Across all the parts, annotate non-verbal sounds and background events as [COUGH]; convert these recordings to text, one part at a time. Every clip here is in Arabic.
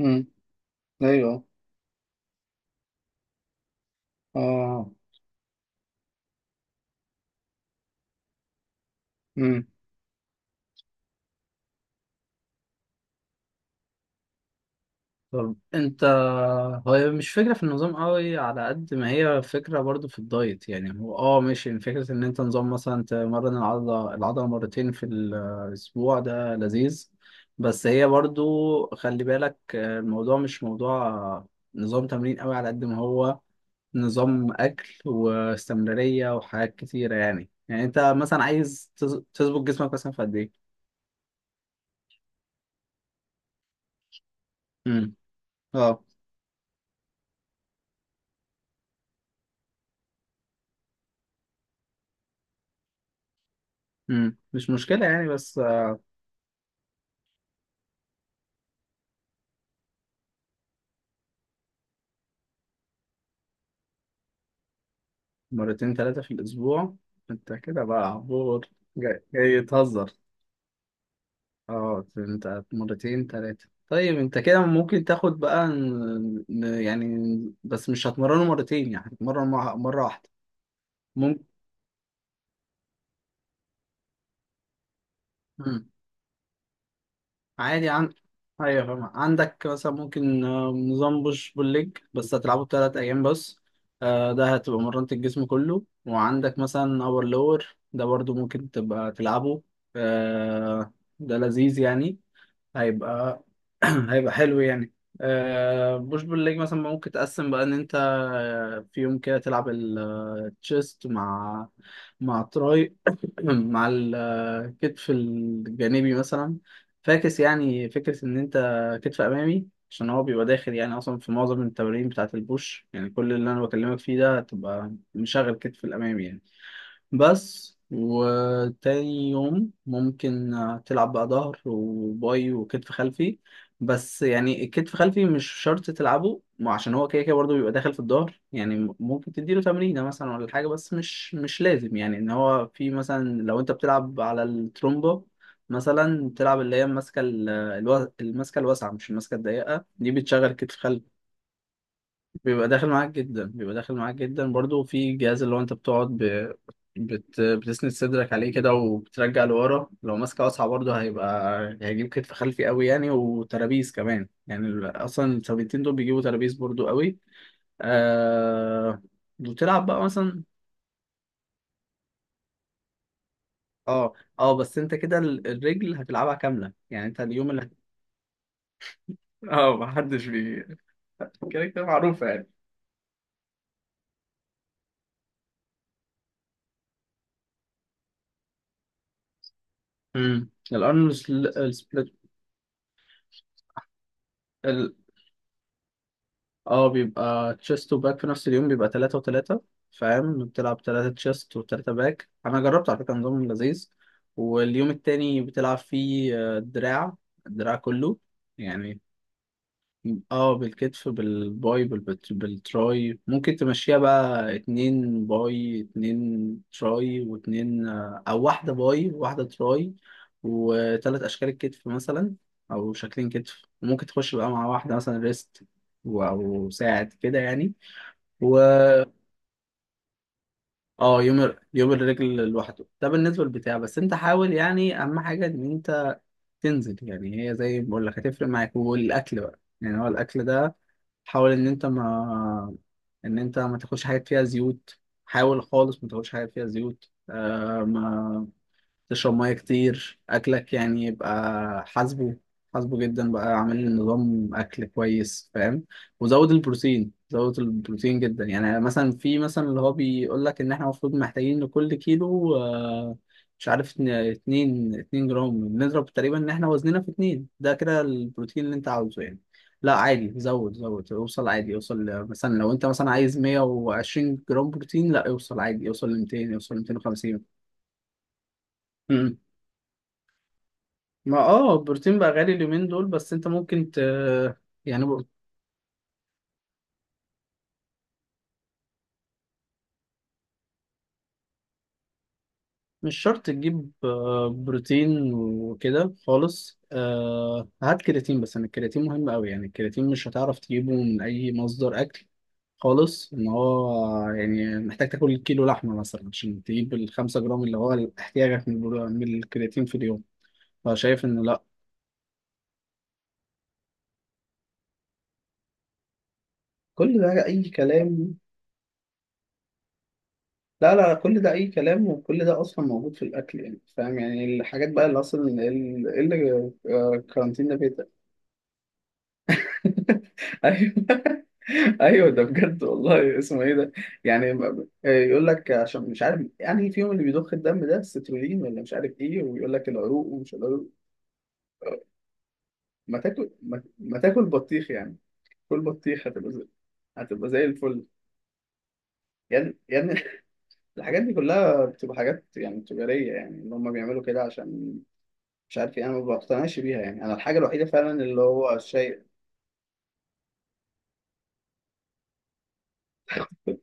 امم ايوه. اه. امم طب انت، هو مش فكره في النظام قوي على قد ما هي فكره، برضو في الدايت. يعني هو، اه، ماشي. يعني فكره ان انت نظام مثلا تمرن العضله مرتين في الاسبوع، ده لذيذ. بس هي برضو، خلي بالك، الموضوع مش موضوع نظام تمرين قوي على قد ما هو نظام اكل واستمراريه وحاجات كتيره. يعني انت مثلا عايز تظبط جسمك مثلا في قد ايه؟ امم اه. مش مشكلة يعني، بس مرتين ثلاثة في الأسبوع. أنت كده بقى عبور. جاي تهزر. أه، أنت مرتين ثلاثة، طيب أنت كده ممكن تاخد بقى يعني، بس مش هتمرنه مرتين، يعني هتتمرن مرة واحدة. ممكن. عادي عن. ايوه فاهم. عندك مثلا ممكن نظام بوش بول ليج، بس هتلعبه بثلاث ايام بس. ده هتبقى مرنت الجسم كله. وعندك مثلا اور لور، ده برضو ممكن تبقى تلعبه. آه، ده لذيذ يعني. هيبقى [CLEARS THROAT] هيبقى حلو يعني. بوش بول ليج مثلا ممكن تقسم بقى ان انت، في يوم كده تلعب التشيست مع تراي. [CLEARS THROAT] مع الكتف الجانبي مثلا. فاكس. يعني فكرة إن أنت كتف أمامي، عشان هو بيبقى داخل يعني أصلا في معظم التمارين بتاعة البوش. يعني كل اللي أنا بكلمك فيه ده هتبقى مشغل كتف الأمامي يعني. بس وتاني يوم ممكن تلعب بقى ظهر وباي وكتف خلفي. بس يعني الكتف خلفي مش شرط تلعبه، ما عشان هو كده كده برضه بيبقى داخل في الظهر. يعني ممكن تديله تمرينة مثلا ولا حاجة، بس مش لازم يعني. ان هو في مثلا لو انت بتلعب على الترومبا، مثلا تلعب اللي هي الماسكة الماسكة الواسعة، مش الماسكة الضيقة، دي بتشغل كتف خلفي. بيبقى داخل معاك جدا، بيبقى داخل معاك جدا برضو. في جهاز اللي هو انت بتقعد بتسند صدرك عليه كده، وبترجع لورا. لو ماسكه واسعه برضو هيبقى هيجيب كتف خلفي قوي يعني، وترابيز كمان. يعني اصلا الثابتين دول بيجيبوا ترابيز برضو قوي. آه... وتلعب بقى مثلا. اه. اه بس انت كده الرجل هتلعبها كامله يعني، انت اليوم اللي اه محدش بي كده كده معروفه يعني. الارنولد سبليت. اه، بيبقى تشيست وباك في نفس اليوم، بيبقى تلاتة وتلاتة. فاهم؟ بتلعب تلاتة تشيست وتلاتة باك. أنا جربت على فكرة، نظام لذيذ. واليوم التاني بتلعب فيه دراع، الدراع كله يعني. اه بالكتف بالباي بالتراي. ممكن تمشيها بقى اتنين باي اتنين تراي، واتنين او واحدة باي وواحدة تراي، وتلات اشكال الكتف مثلا، او شكلين كتف. وممكن تخش بقى مع واحدة مثلا ريست او ساعد كده يعني. و اه، يوم يوم الرجل لوحده ده بالنسبة للبتاع. بس انت حاول يعني، اهم حاجة ان انت تنزل. يعني هي زي ما بقول لك هتفرق معاك، والاكل بقى. يعني هو الاكل ده حاول ان انت ما، ان انت ما تاكلش حاجات فيها زيوت. حاول خالص ما تاكلش حاجات فيها زيوت. آه، ما تشرب ميه كتير. اكلك يعني يبقى حاسبه، حاسبه جدا بقى، عامل نظام اكل كويس فاهم. وزود البروتين، زود البروتين جدا. يعني مثلا في مثلا اللي هو بيقول لك ان احنا المفروض محتاجين لكل كيلو، مش عارف، اتنين جرام. بنضرب تقريبا ان احنا وزننا في اتنين، ده كده البروتين اللي انت عاوزه يعني. لا عادي، زود زود، اوصل عادي، اوصل مثلا لو انت مثلا عايز 120 جرام بروتين، لا اوصل عادي، اوصل ل 200، اوصل ل 250. ما اه، البروتين بقى غالي اليومين دول، بس انت ممكن ت. يعني مش شرط تجيب بروتين وكده خالص. هات كرياتين. بس انا الكرياتين مهم قوي يعني. الكرياتين مش هتعرف تجيبه من اي مصدر اكل خالص، ان هو يعني محتاج تاكل كيلو لحمه مثلا عشان تجيب الخمسة جرام اللي هو احتياجك من من الكرياتين في اليوم. فشايف ان لا، كل ده اي كلام. لا لا، كل ده أي كلام. وكل ده أصلا موجود في الأكل. يعني فاهم، يعني الحاجات بقى اللي أصلا، اللي الكارانتين ده بيتك. [LAUGHS] أيوه. ايوه ده بجد والله. اسمه ايه ده؟ يعني يقول لك عشان مش عارف، يعني فيهم اللي بيضخ الدم ده السترولين ولا مش عارف ايه، ويقول لك العروق ومش العروق. ما تاكل ما تاكل بطيخ يعني، كل بطيخ هتبقى زي، هتبقى زي الفل يعني. يعني [LAUGHS] الحاجات دي كلها بتبقى حاجات يعني تجارية، يعني اللي هم بيعملوا كده عشان مش عارف ايه. انا ما بقتنعش بيها يعني. انا الحاجه الوحيده فعلا اللي هو شيء.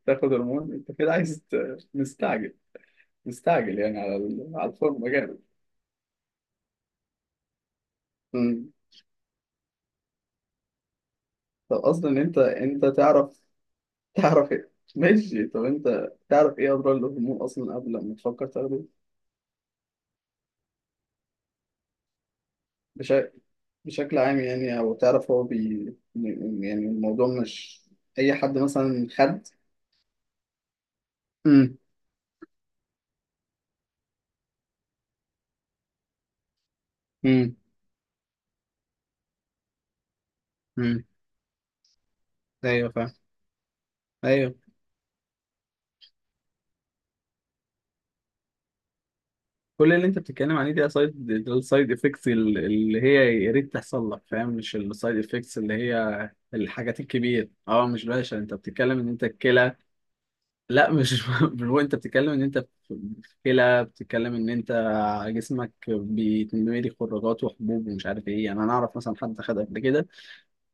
تاخد هرمون؟ انت كده عايز مستعجل، مستعجل يعني على على الفورمه جامد. أمم. طب اصلا انت، تعرف، تعرف ايه ماشي؟ طب انت تعرف ايه اضرار الهرمون اصلا قبل ما تفكر تاخده؟ بشكل، بشكل عام يعني، او تعرف هو بي، يعني الموضوع مش، اي حد مثلا خد. امم امم امم ايوه فاهم. ايوه. كل اللي انت بتتكلم عليه دي سايد، السايد افكتس اللي هي يا ريت تحصل لك فاهم. مش السايد افكتس اللي هي الحاجات الكبيره. اه مش باشا، انت بتتكلم ان انت الكلى. لا مش [LAUGHS] هو انت بتتكلم ان انت في كلى، بتتكلم ان انت جسمك بيتملي خراجات وحبوب ومش عارف ايه. يعني انا اعرف مثلا حد خد قبل كده،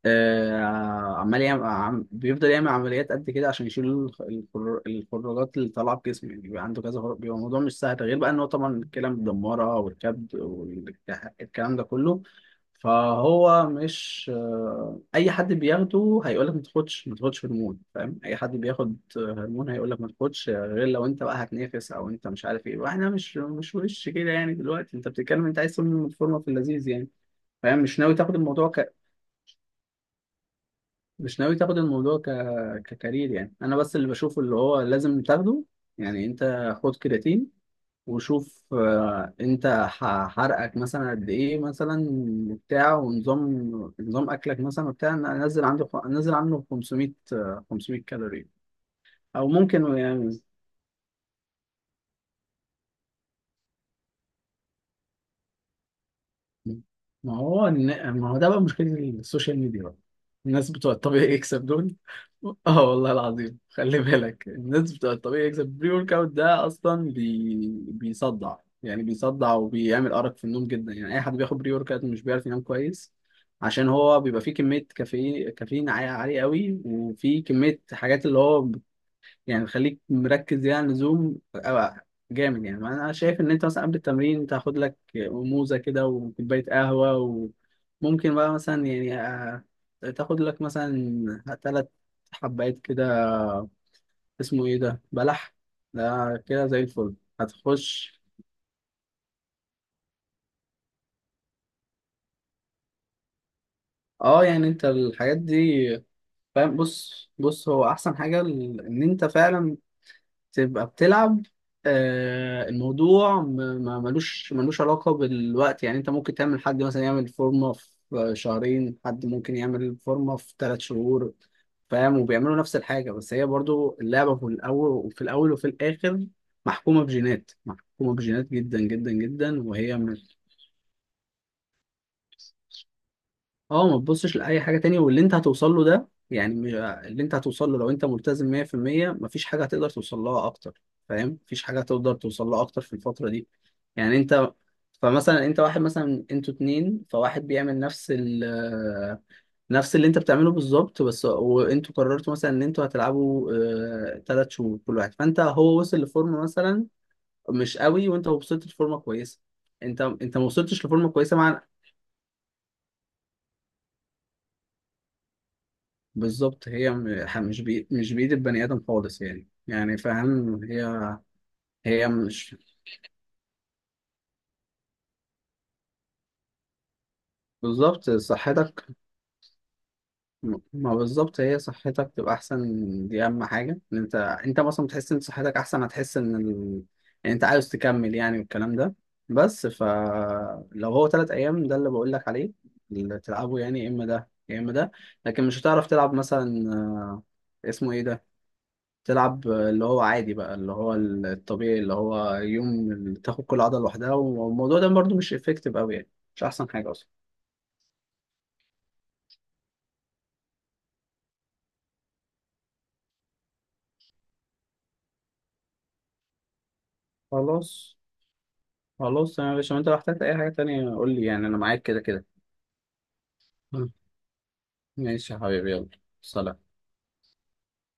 عمال يعمل بيفضل يعمل عمليات قد كده عشان يشيل الخراجات اللي طالعه في جسمه. يعني بيبقى عنده كذا خراج، بيبقى الموضوع مش سهل، غير بقى ان هو طبعا الكلى مدمره والكبد والكلام ده كله. فهو مش اي حد بياخده هيقول لك ما تاخدش، ما تاخدش هرمون فاهم. اي حد بياخد هرمون هيقول لك ما تاخدش، غير لو انت بقى هتنافس او انت مش عارف ايه. واحنا مش وش كده يعني، دلوقتي انت بتتكلم انت عايز تعمل الفورمه في اللذيذ يعني فاهم، مش ناوي تاخد الموضوع. مش ناوي تاخد الموضوع ككارير يعني. انا بس اللي بشوفه اللي هو لازم تاخده يعني، انت خد كرياتين. وشوف انت حرقك مثلا قد ايه مثلا بتاع. ونظام، نظام اكلك مثلا بتاع انزل عنده، انزل عنه 500، 500 كالوري. او ممكن يعني. ما هو ما هو ده بقى مشكلة السوشيال ميديا بقى. الناس بتوع الطبيعي يكسب دول. [LAUGHS] اه والله العظيم. خلي بالك الناس بتوع الطبيعي يكسب، بري ورك اوت ده اصلا بيصدع يعني، بيصدع وبيعمل ارق في النوم جدا يعني. اي حد بياخد بري ورك اوت مش بيعرف ينام كويس، عشان هو بيبقى فيه كمية كافيين كافيين عالية عالية قوي. وفيه كمية حاجات اللي هو يعني، خليك مركز زيادة عن اللزوم أو جامد يعني. انا شايف ان انت مثلا قبل التمرين تاخد لك موزة كده وكوباية قهوة. وممكن بقى مثلا يعني تاخد لك مثلا ثلاث حبات كده، اسمه ايه ده، بلح. ده كده زي الفل هتخش. اه. يعني انت الحاجات دي فاهم. بص بص، هو احسن حاجة ان انت فعلا تبقى بتلعب. الموضوع ما ملوش علاقة بالوقت يعني. انت ممكن تعمل، حد مثلا يعمل فورمة في شهرين، حد ممكن يعمل فورمة في ثلاث شهور. فاهم؟ وبيعملوا نفس الحاجة. بس هي برضو اللعبة، في الأول وفي الأول وفي الآخر، محكومة بجينات، محكومة بجينات جدا جدا جدا. وهي اه، ما تبصش لاي حاجه تانية. واللي انت هتوصل له ده يعني اللي انت هتوصل له لو انت ملتزم 100%، مفيش حاجه هتقدر توصل لها اكتر. فاهم؟ مفيش حاجه هتقدر توصل لها اكتر في الفتره دي. يعني انت، فمثلا انت واحد، مثلا انتوا اتنين، فواحد بيعمل نفس نفس اللي انت بتعمله بالظبط بس. وانتوا قررتوا مثلا ان انتوا هتلعبوا تلات شهور كل واحد. فانت هو وصل لفورمه مثلا مش قوي، وانت وصلت لفورمه كويسه، انت ما وصلتش لفورمه كويسه مع. بالظبط. هي مش مش بإيد البني آدم خالص يعني. يعني فاهم هي. هي مش بالظبط صحتك، ما بالظبط هي صحتك تبقى أحسن. دي أهم حاجة، إن أنت، أنت مثلا بتحس إن صحتك أحسن، هتحس إن إن أنت عاوز تكمل يعني والكلام ده. بس فلو هو تلات أيام ده اللي بقول لك عليه، اللي تلعبه، يعني يا إما ده يا إما ده. لكن مش هتعرف تلعب مثلا اسمه إيه ده، تلعب اللي هو عادي بقى، اللي هو الطبيعي، اللي هو يوم اللي تاخد كل عضلة لوحدها. والموضوع ده برضو مش افكتيف قوي يعني، مش احسن حاجة اصلا. خلاص، خلاص يا باشا، انت لو احتجت اي حاجة تانية قول لي. يعني انا معاك كده كده. مم. ماشي يا حبيبي، يلا سلام.